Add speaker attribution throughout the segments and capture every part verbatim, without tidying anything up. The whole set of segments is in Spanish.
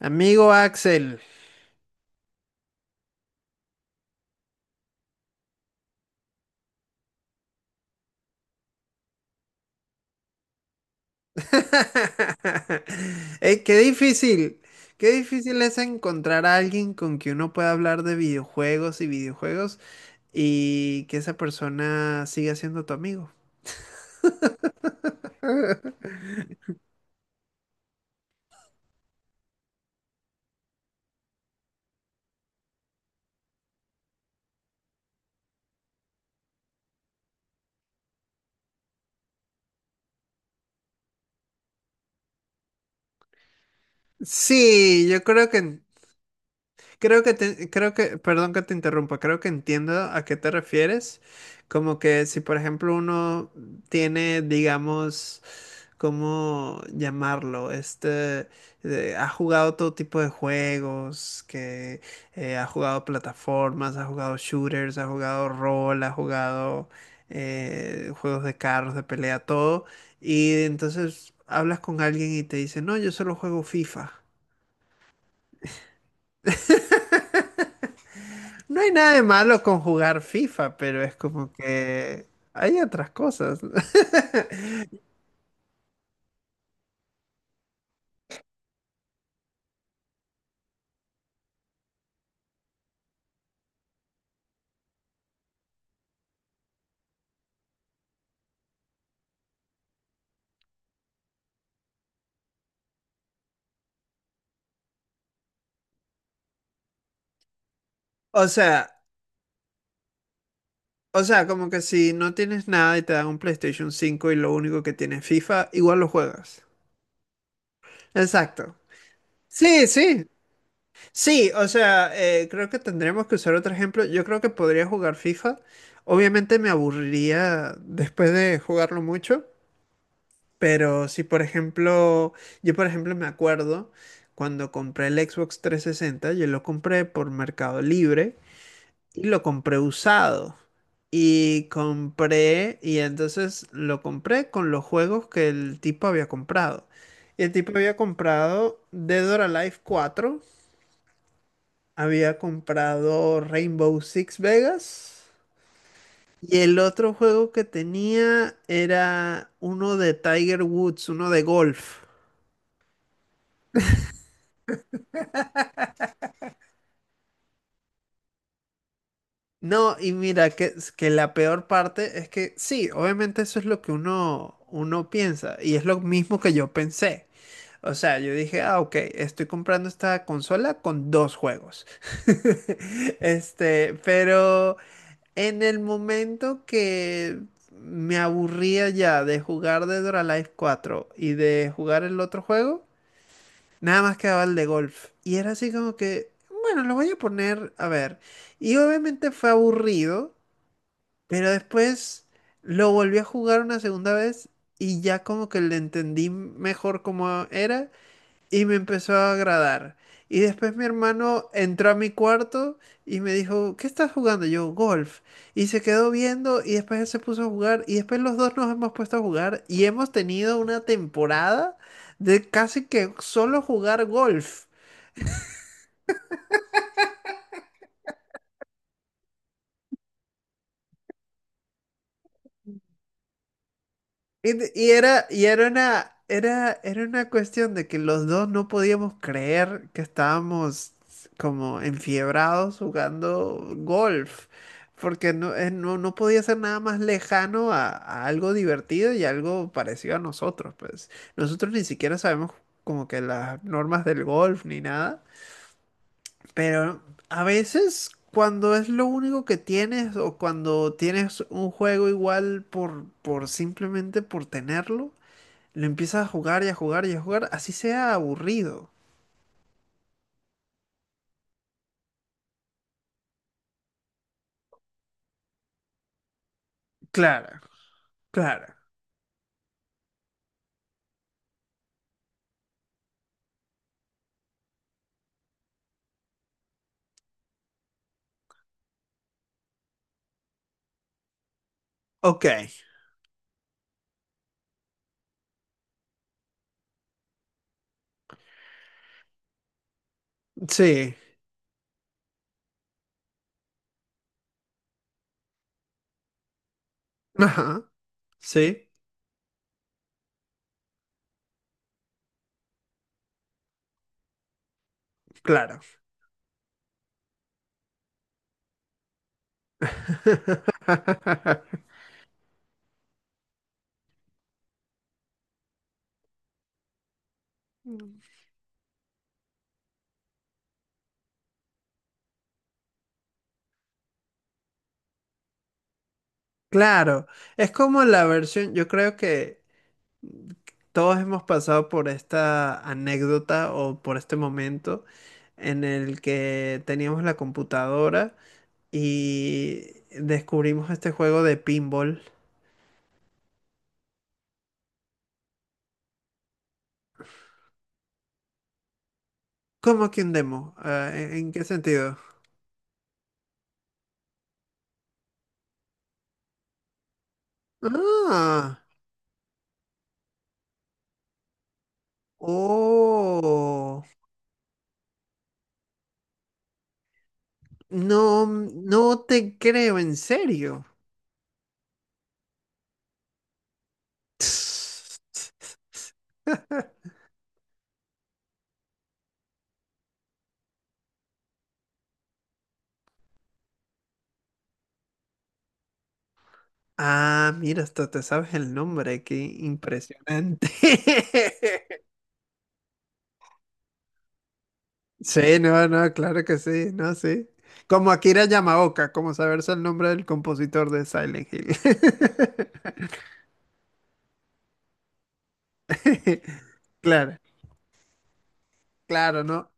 Speaker 1: Amigo Axel. Eh, qué difícil, qué difícil es encontrar a alguien con quien uno pueda hablar de videojuegos y videojuegos y que esa persona siga siendo tu amigo. Sí, yo creo que creo que te- creo que perdón que te interrumpa, creo que entiendo a qué te refieres. Como que si por ejemplo uno tiene, digamos, ¿cómo llamarlo? Este eh, ha jugado todo tipo de juegos, que eh, ha jugado plataformas, ha jugado shooters, ha jugado rol, ha jugado eh, juegos de carros, de pelea, todo. Y entonces hablas con alguien y te dice, no, yo solo juego FIFA. No hay nada de malo con jugar FIFA, pero es como que hay otras cosas. O sea, O sea, como que si no tienes nada y te dan un PlayStation cinco y lo único que tienes FIFA, igual lo juegas. Exacto. Sí, sí. Sí, o sea, eh, creo que tendremos que usar otro ejemplo. Yo creo que podría jugar FIFA. Obviamente me aburriría después de jugarlo mucho, pero si por ejemplo, yo por ejemplo me acuerdo cuando compré el Xbox trescientos sesenta, yo lo compré por Mercado Libre y lo compré usado. Y compré, y entonces lo compré con los juegos que el tipo había comprado. Y el tipo había comprado Dead or Alive cuatro, había comprado Rainbow Six Vegas, y el otro juego que tenía era uno de Tiger Woods, uno de golf. No, y mira, que, es que la peor parte es que sí, obviamente eso es lo que uno, uno piensa, y es lo mismo que yo pensé. O sea, yo dije, ah, ok, estoy comprando esta consola con dos juegos. Este, pero en el momento que me aburría ya de jugar Dead or Alive cuatro y de jugar el otro juego, nada más quedaba el de golf. Y era así como que, bueno, lo voy a poner, a ver. Y obviamente fue aburrido, pero después lo volví a jugar una segunda vez y ya como que le entendí mejor cómo era y me empezó a agradar. Y después mi hermano entró a mi cuarto y me dijo, ¿qué estás jugando? Yo, golf. Y se quedó viendo y después él se puso a jugar y después los dos nos hemos puesto a jugar y hemos tenido una temporada de casi que solo jugar golf. Y, de- y era, y era una, era, era una cuestión de que los dos no podíamos creer que estábamos como enfiebrados jugando golf, porque no, eh, no, no podía ser nada más lejano a, a algo divertido y algo parecido a nosotros, pues. Nosotros ni siquiera sabemos como que las normas del golf ni nada, pero a veces cuando es lo único que tienes o cuando tienes un juego igual por, por simplemente por tenerlo, lo empiezas a jugar y a jugar y a jugar, así sea aburrido. Claro, claro. Ok, sí. Ajá, sí, claro. Claro, es como la versión, yo creo que todos hemos pasado por esta anécdota o por este momento en el que teníamos la computadora y descubrimos este juego de pinball. ¿Cómo que un demo? Ah, ¿en en qué sentido? Ah, oh, no, no te creo, en serio. Ah, mira, hasta te sabes el nombre, qué impresionante. Sí, no, no, claro que sí, no, sí. Como Akira Yamaoka, como saberse el nombre del compositor de Silent Hill. Claro, claro, ¿no?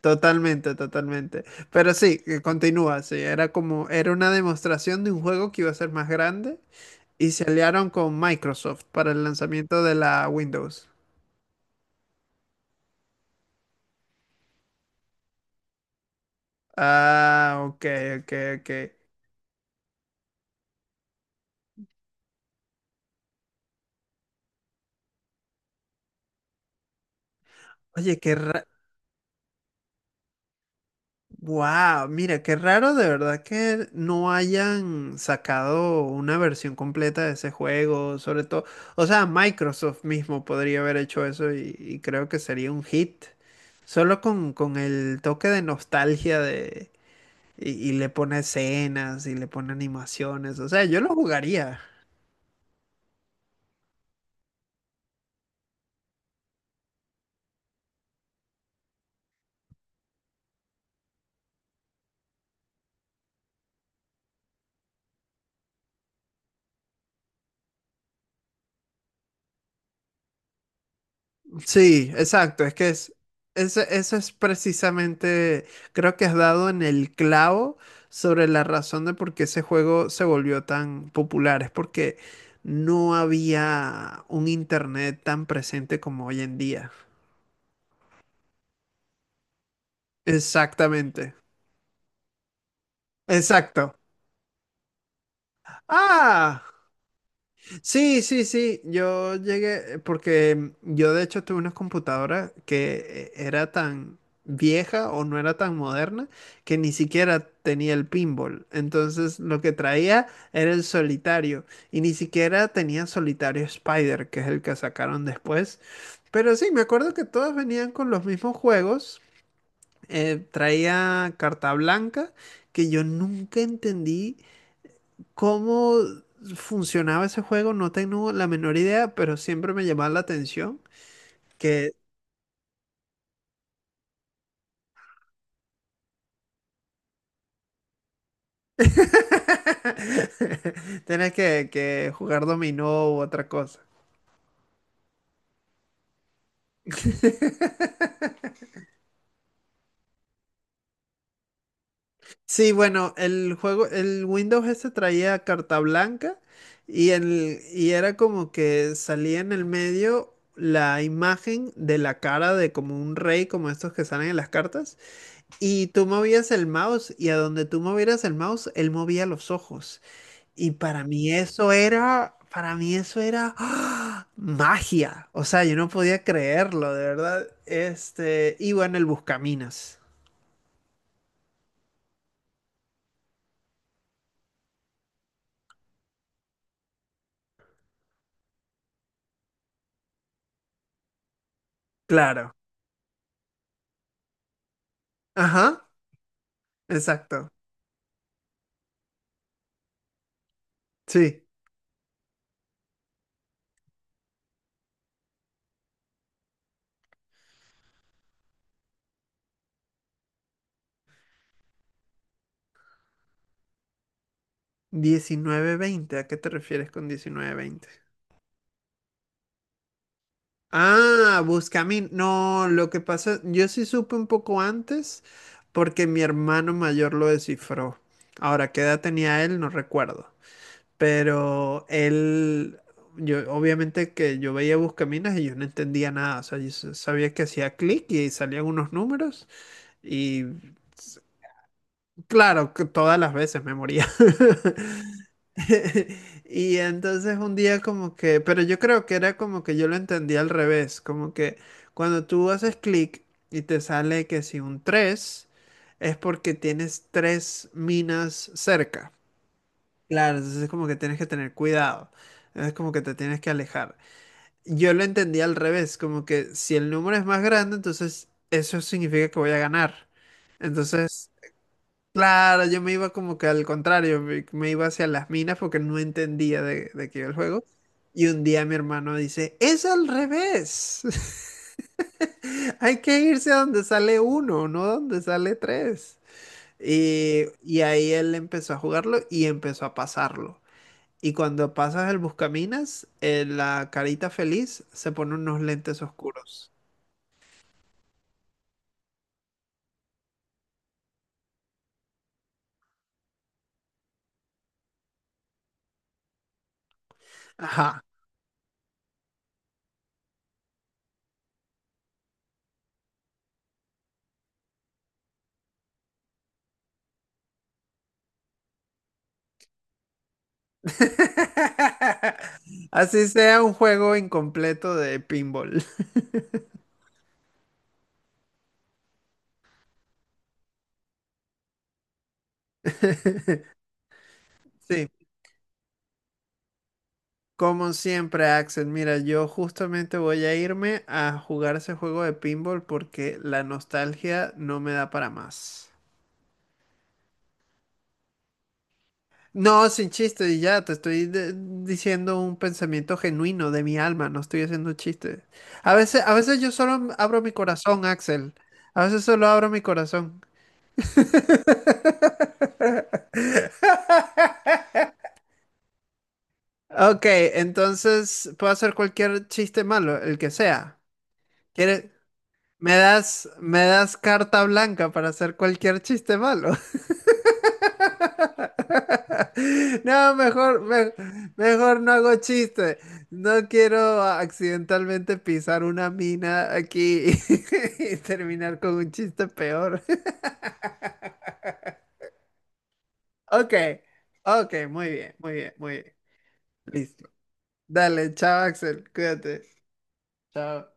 Speaker 1: Totalmente, totalmente. Pero sí, eh, continúa, sí, era como, era una demostración de un juego que iba a ser más grande. Y se aliaron con Microsoft para el lanzamiento de la Windows. Ah, ok, ok, ok. Oye, qué raro. Wow, mira, qué raro de verdad que no hayan sacado una versión completa de ese juego, sobre todo. O sea, Microsoft mismo podría haber hecho eso y, y creo que sería un hit. Solo con, con el toque de nostalgia de. Y, y le pone escenas y le pone animaciones. O sea, yo lo jugaría. Sí, exacto. Es que es, ese- Eso es precisamente, creo que has dado en el clavo sobre la razón de por qué ese juego se volvió tan popular. Es porque no había un internet tan presente como hoy en día. Exactamente. Exacto. Ah. Sí, sí, sí, yo llegué porque yo de hecho tuve una computadora que eh, era tan vieja o no era tan moderna que ni siquiera tenía el pinball. Entonces lo que traía era el solitario y ni siquiera tenía solitario Spider, que es el que sacaron después. Pero sí, me acuerdo que todos venían con los mismos juegos. Eh, traía carta blanca que yo nunca entendí. ¿Cómo funcionaba ese juego? No tengo la menor idea, pero siempre me llamaba la atención que tienes que, que jugar dominó u otra cosa. Sí, bueno, el juego, el Windows ese traía carta blanca y, el, y era como que salía en el medio la imagen de la cara de como un rey, como estos que salen en las cartas, y tú movías el mouse y a donde tú movieras el mouse, él movía los ojos. Y para mí eso era, para mí eso era ¡ah! Magia. O sea, yo no podía creerlo, de verdad. Este, y bueno, el Buscaminas. Claro. Ajá, exacto. Sí. Diecinueve veinte ¿a qué te refieres con diecinueve veinte? Ah, Buscaminas. No, lo que pasa, yo sí supe un poco antes porque mi hermano mayor lo descifró. Ahora, ¿qué edad tenía él? No recuerdo. Pero él, yo obviamente que yo veía Buscaminas y yo no entendía nada. O sea, yo s- sabía que hacía clic y salían unos números y s- claro, que todas las veces me moría. Y entonces un día como que, pero yo creo que era como que yo lo entendía al revés, como que cuando tú haces clic y te sale que si un tres es porque tienes tres minas cerca. Claro, entonces es como que tienes que tener cuidado, es como que te tienes que alejar. Yo lo entendí al revés, como que si el número es más grande, entonces eso significa que voy a ganar. Entonces, claro, yo me iba como que al contrario, me, me iba hacia las minas porque no entendía de, de qué iba el juego. Y un día mi hermano dice, es al revés, hay que irse a donde sale uno, no donde sale tres. Y, y ahí él empezó a jugarlo y empezó a pasarlo. Y cuando pasas el buscaminas, eh, la carita feliz se pone unos lentes oscuros. Ajá. Así sea un juego incompleto de pinball. Sí, como siempre, Axel. Mira, yo justamente voy a irme a jugar ese juego de pinball porque la nostalgia no me da para más. No, sin chiste, y ya te estoy de- diciendo un pensamiento genuino de mi alma, no estoy haciendo chistes. A veces, a veces yo solo m- abro mi corazón, Axel. A veces solo abro mi corazón. Ok, entonces puedo hacer cualquier chiste malo, el que sea. ¿Quieres? ¿Me das, me das carta blanca para hacer cualquier chiste malo? No, mejor, me- mejor no hago chiste. No quiero accidentalmente pisar una mina aquí y terminar con un chiste peor. Ok, ok, muy bien, muy bien, muy bien. Listo. Dale, chao, Axel, cuídate. Chao.